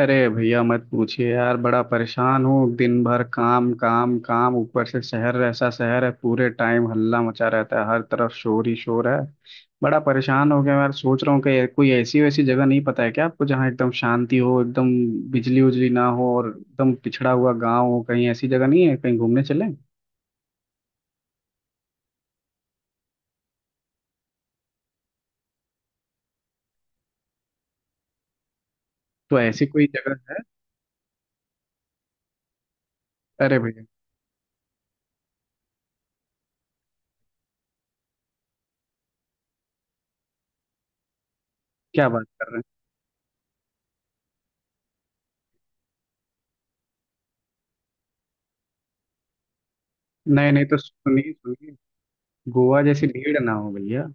अरे भैया मत पूछिए यार, बड़ा परेशान हूँ। दिन भर काम काम काम, ऊपर से शहर ऐसा शहर है, पूरे टाइम हल्ला मचा रहता है, हर तरफ शोर ही शोर है। बड़ा परेशान हो गया यार। सोच रहा हूँ कि कोई ऐसी वैसी जगह नहीं पता है क्या आपको, जहाँ एकदम शांति हो, एकदम बिजली उजली ना हो और एकदम पिछड़ा हुआ गाँव हो? कहीं ऐसी जगह नहीं है, कहीं घूमने चलें? तो ऐसी कोई जगह है? अरे भैया! क्या बात कर रहे हैं? नहीं नहीं, तो सुनिए सुनिए, गोवा जैसी भीड़ ना हो भैया।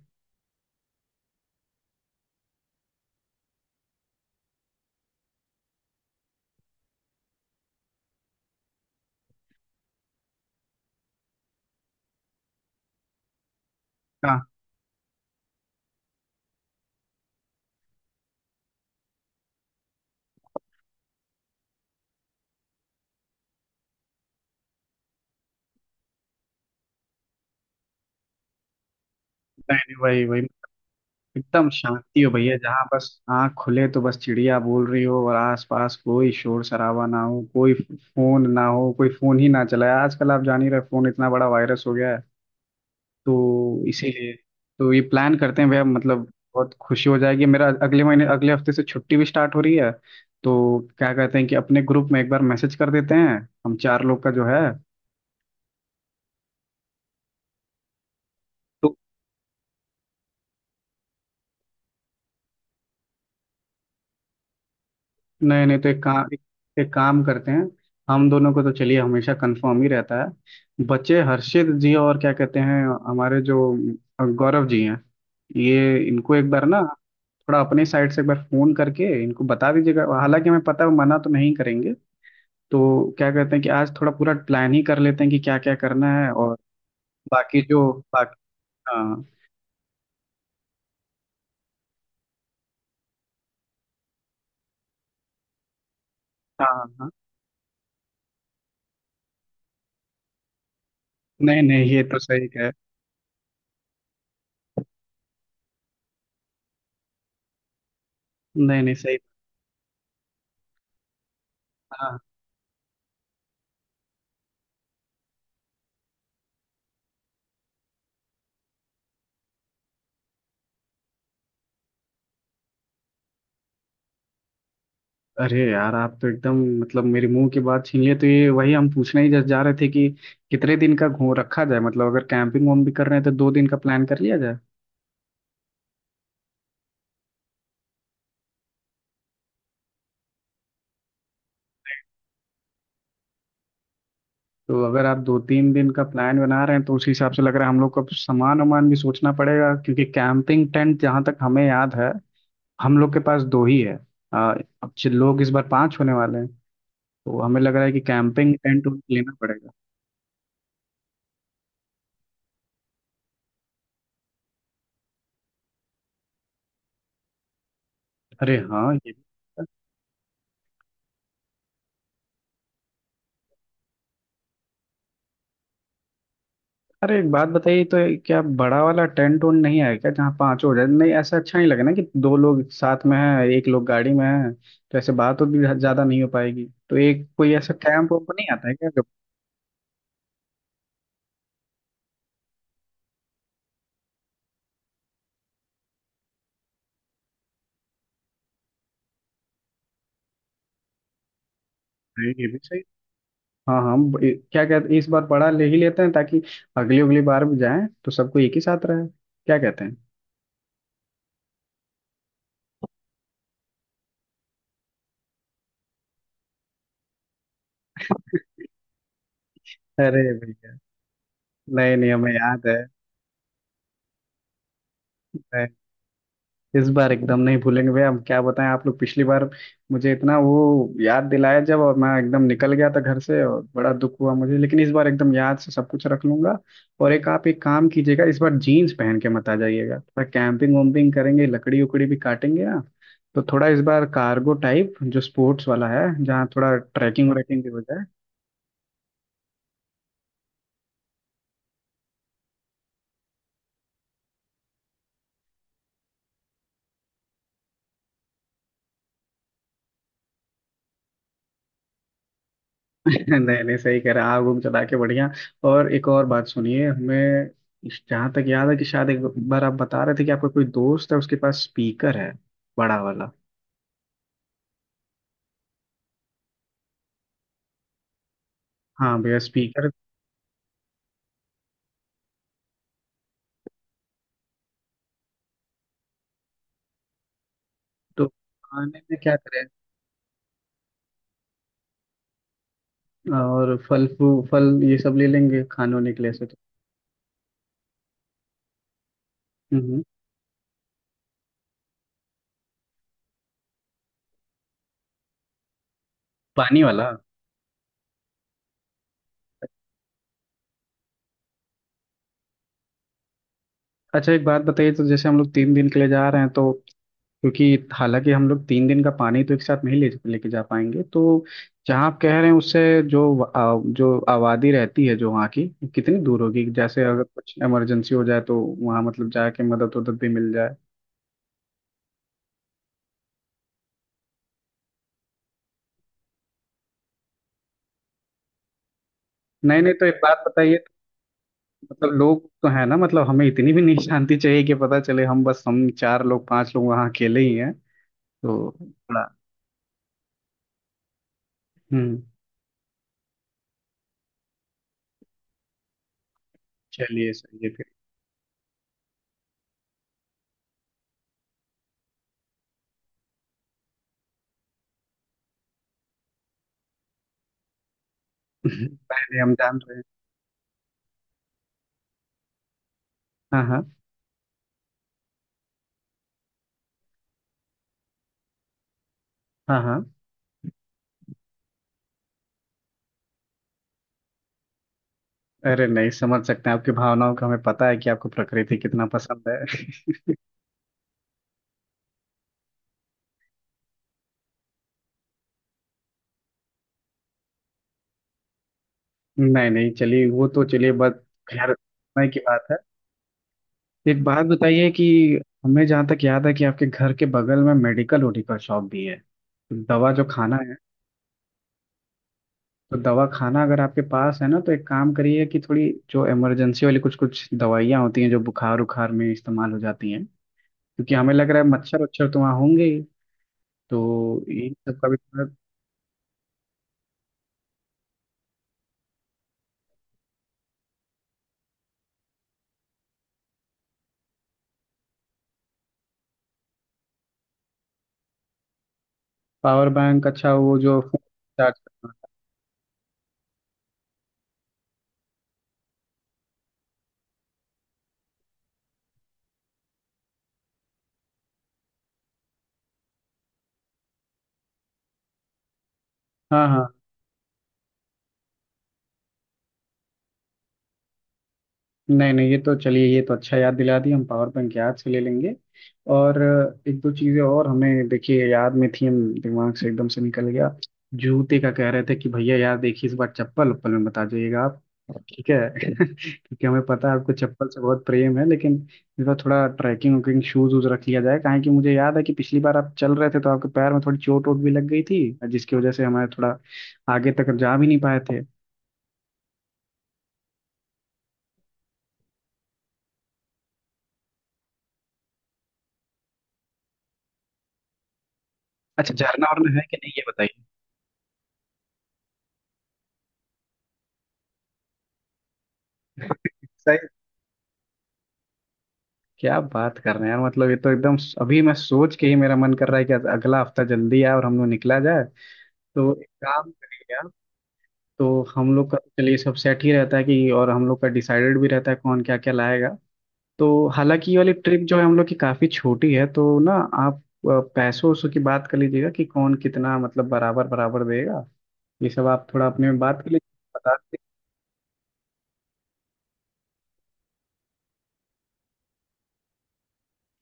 हाँ। नहीं नहीं, वही वही। एकदम शांति हो भैया, जहाँ बस आँख खुले तो बस चिड़िया बोल रही हो और आसपास कोई शोर शराबा ना हो, कोई फोन ना हो, कोई फोन ही ना चलाए। आजकल आप जान ही रहे, फोन इतना बड़ा वायरस हो गया है, तो इसीलिए। तो ये प्लान करते हैं भैया, मतलब बहुत खुशी हो जाएगी मेरा। अगले महीने अगले हफ्ते से छुट्टी भी स्टार्ट हो रही है, तो क्या कहते हैं कि अपने ग्रुप में एक बार मैसेज कर देते हैं, हम चार लोग का जो है। तो नहीं नहीं, तो एक काम करते हैं। हम दोनों को तो चलिए हमेशा कंफर्म ही रहता है, बच्चे हर्षित जी, और क्या कहते हैं, हमारे जो गौरव जी हैं, ये इनको एक बार ना थोड़ा अपने साइड से एक बार फोन करके इनको बता दीजिएगा, हालांकि हमें पता है वो मना तो नहीं करेंगे। तो क्या कहते हैं कि आज थोड़ा पूरा प्लान ही कर लेते हैं कि क्या क्या करना है, और बाकी जो बाकी। हाँ हाँ हाँ हाँ। नहीं नहीं, ये तो सही है। नहीं नहीं सही। हाँ। अरे यार, आप तो एकदम मतलब मेरे मुंह की बात छीन लिए, तो ये वही हम पूछने ही जस्ट जा रहे थे कि कितने दिन का घूम रखा जाए, मतलब अगर कैंपिंग वम भी कर रहे हैं तो दो दिन का प्लान कर लिया जाए। तो अगर आप दो तीन दिन का प्लान बना रहे हैं, तो उस हिसाब से लग रहा है हम लोग को अब सामान वामान भी सोचना पड़ेगा, क्योंकि कैंपिंग टेंट जहाँ तक हमें याद है, हम लोग के पास दो ही है। आ, अब जो लोग इस बार पांच होने वाले हैं, तो हमें लग रहा है कि कैंपिंग टेंट लेना पड़ेगा। अरे हाँ, ये भी। अरे एक बात बताइए, तो ये क्या बड़ा वाला टेंट उंट नहीं है क्या जहाँ पांच हो जाए? नहीं ऐसा अच्छा नहीं लगेगा ना, कि दो लोग साथ में हैं एक लोग गाड़ी में है, तो ऐसे बात तो भी ज्यादा नहीं हो पाएगी। तो एक कोई ऐसा कैंप वैम्प नहीं आता है क्या जब? नहीं, ये भी सही। हाँ हाँ, क्या कहते हैं, इस बार बड़ा ले ही लेते हैं ताकि अगली अगली बार भी जाएं तो सबको एक ही साथ रहे। क्या कहते हैं? अरे भैया, नहीं नहीं हमें याद है। इस बार एकदम नहीं भूलेंगे भैया। हम क्या बताएं, आप लोग पिछली बार मुझे इतना वो याद दिलाया जब, और मैं एकदम निकल गया था घर से, और बड़ा दुख हुआ मुझे, लेकिन इस बार एकदम याद से सब कुछ रख लूंगा। और एक आप एक काम कीजिएगा, इस बार जीन्स पहन के मत आ जाइएगा। थोड़ा कैंपिंग वैम्पिंग करेंगे, लकड़ी उकड़ी भी काटेंगे ना, तो थोड़ा इस बार कार्गो टाइप जो स्पोर्ट्स वाला है, जहाँ थोड़ा ट्रैकिंग व्रैकिंग भी हो जाए। नहीं नहीं सही कह रहे हैं, आग उग जला के बढ़िया। और एक और बात सुनिए, हमें जहाँ तक याद है कि शायद एक बार आप बता रहे थे कि आपका कोई दोस्त है, उसके पास स्पीकर है बड़ा वाला। हाँ भैया, स्पीकर। तो खाने में क्या करें? और फल ये सब ले लेंगे खाने होने के लिए से, तो। हम्म, हम्म। पानी वाला। अच्छा एक बात बताइए, तो जैसे हम लोग तीन दिन के लिए जा रहे हैं, तो क्योंकि हालांकि हम लोग तीन दिन का पानी तो एक साथ नहीं ले लेके जा पाएंगे, तो जहाँ आप कह रहे हैं उससे जो आबादी रहती है जो वहाँ की, कितनी दूर होगी? जैसे अगर कुछ इमरजेंसी हो जाए तो वहाँ मतलब जाके मदद उदद भी मिल जाए। नहीं नहीं, तो एक बात बताइए, मतलब लोग तो है ना, मतलब हमें इतनी भी नहीं शांति चाहिए कि पता चले हम बस हम चार लोग पांच लोग वहाँ अकेले ही हैं, तो थोड़ा। हम्म। चलिए सही है फिर। पहले हम जान रहे हैं। हाँ हाँ हाँ हाँ। अरे नहीं, समझ सकते हैं आपकी भावनाओं का, हमें पता है कि आपको प्रकृति कितना पसंद है। नहीं नहीं चलिए, वो तो चलिए बस, खैर समय की बात है। एक बात बताइए कि हमें जहाँ तक याद है कि आपके घर के बगल में मेडिकल ओडिकल शॉप भी है, तो दवा जो खाना है, तो दवा खाना अगर आपके पास है ना, तो एक काम करिए कि थोड़ी जो इमरजेंसी वाली कुछ कुछ दवाइयाँ होती हैं जो बुखार उखार में इस्तेमाल हो जाती हैं, क्योंकि हमें लग रहा है मच्छर वच्छर तो वहाँ होंगे ही। तो इन सब का भी थोड़ा। पावर बैंक, अच्छा वो जो फोन चार्ज करना। हाँ हाँ। नहीं नहीं, ये तो चलिए, ये तो अच्छा याद दिला दी, हम पावर बैंक याद से ले लेंगे। और एक दो चीज़ें और हमें देखिए याद में थी, हम दिमाग से एकदम से निकल गया। जूते का कह रहे थे कि भैया यार देखिए, इस बार चप्पल उप्पल में बता जाइएगा आप, ठीक है। क्योंकि हमें पता है आपको चप्पल से बहुत प्रेम है, लेकिन इस बार थोड़ा ट्रैकिंग वैकिंग शूज वूज रख लिया जाए, काहे कि मुझे याद है कि पिछली बार आप चल रहे थे तो आपके पैर में थोड़ी चोट वोट भी लग गई थी, जिसकी वजह से हमारे थोड़ा आगे तक जा भी नहीं पाए थे। अच्छा झरना वरना है कि नहीं, ये बताइए। क्या बात कर रहे हैं यार! मतलब ये तो एकदम, अभी मैं सोच के ही मेरा मन कर रहा है कि अगला हफ्ता जल्दी आए और हम लोग निकला जाए। तो एक काम करिए आप, तो हम लोग का चलिए सब सेट ही रहता है कि, और हम लोग का डिसाइडेड भी रहता है कौन क्या क्या लाएगा, तो हालांकि ये वाली ट्रिप जो है हम लोग की काफ़ी छोटी है तो ना, आप पैसों वैसों की बात कर लीजिएगा कि कौन कितना मतलब बराबर बराबर देगा, ये सब आप थोड़ा अपने में बात कर लीजिए, बता दीजिए।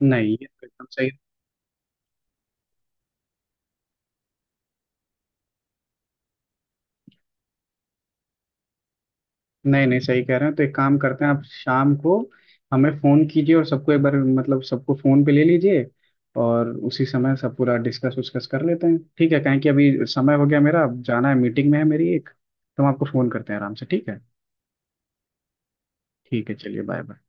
नहीं ये तो एकदम सही। नहीं नहीं सही कह रहे हैं, तो एक काम करते हैं, आप शाम को हमें फ़ोन कीजिए और सबको एक बार मतलब सबको फ़ोन पे ले लीजिए, और उसी समय सब पूरा डिस्कस उस्कस कर लेते हैं, ठीक है? कहें कि अभी समय हो गया मेरा, अब जाना है मीटिंग में है मेरी एक, तो हम आपको फ़ोन करते हैं आराम से, ठीक है? ठीक है, चलिए बाय बाय।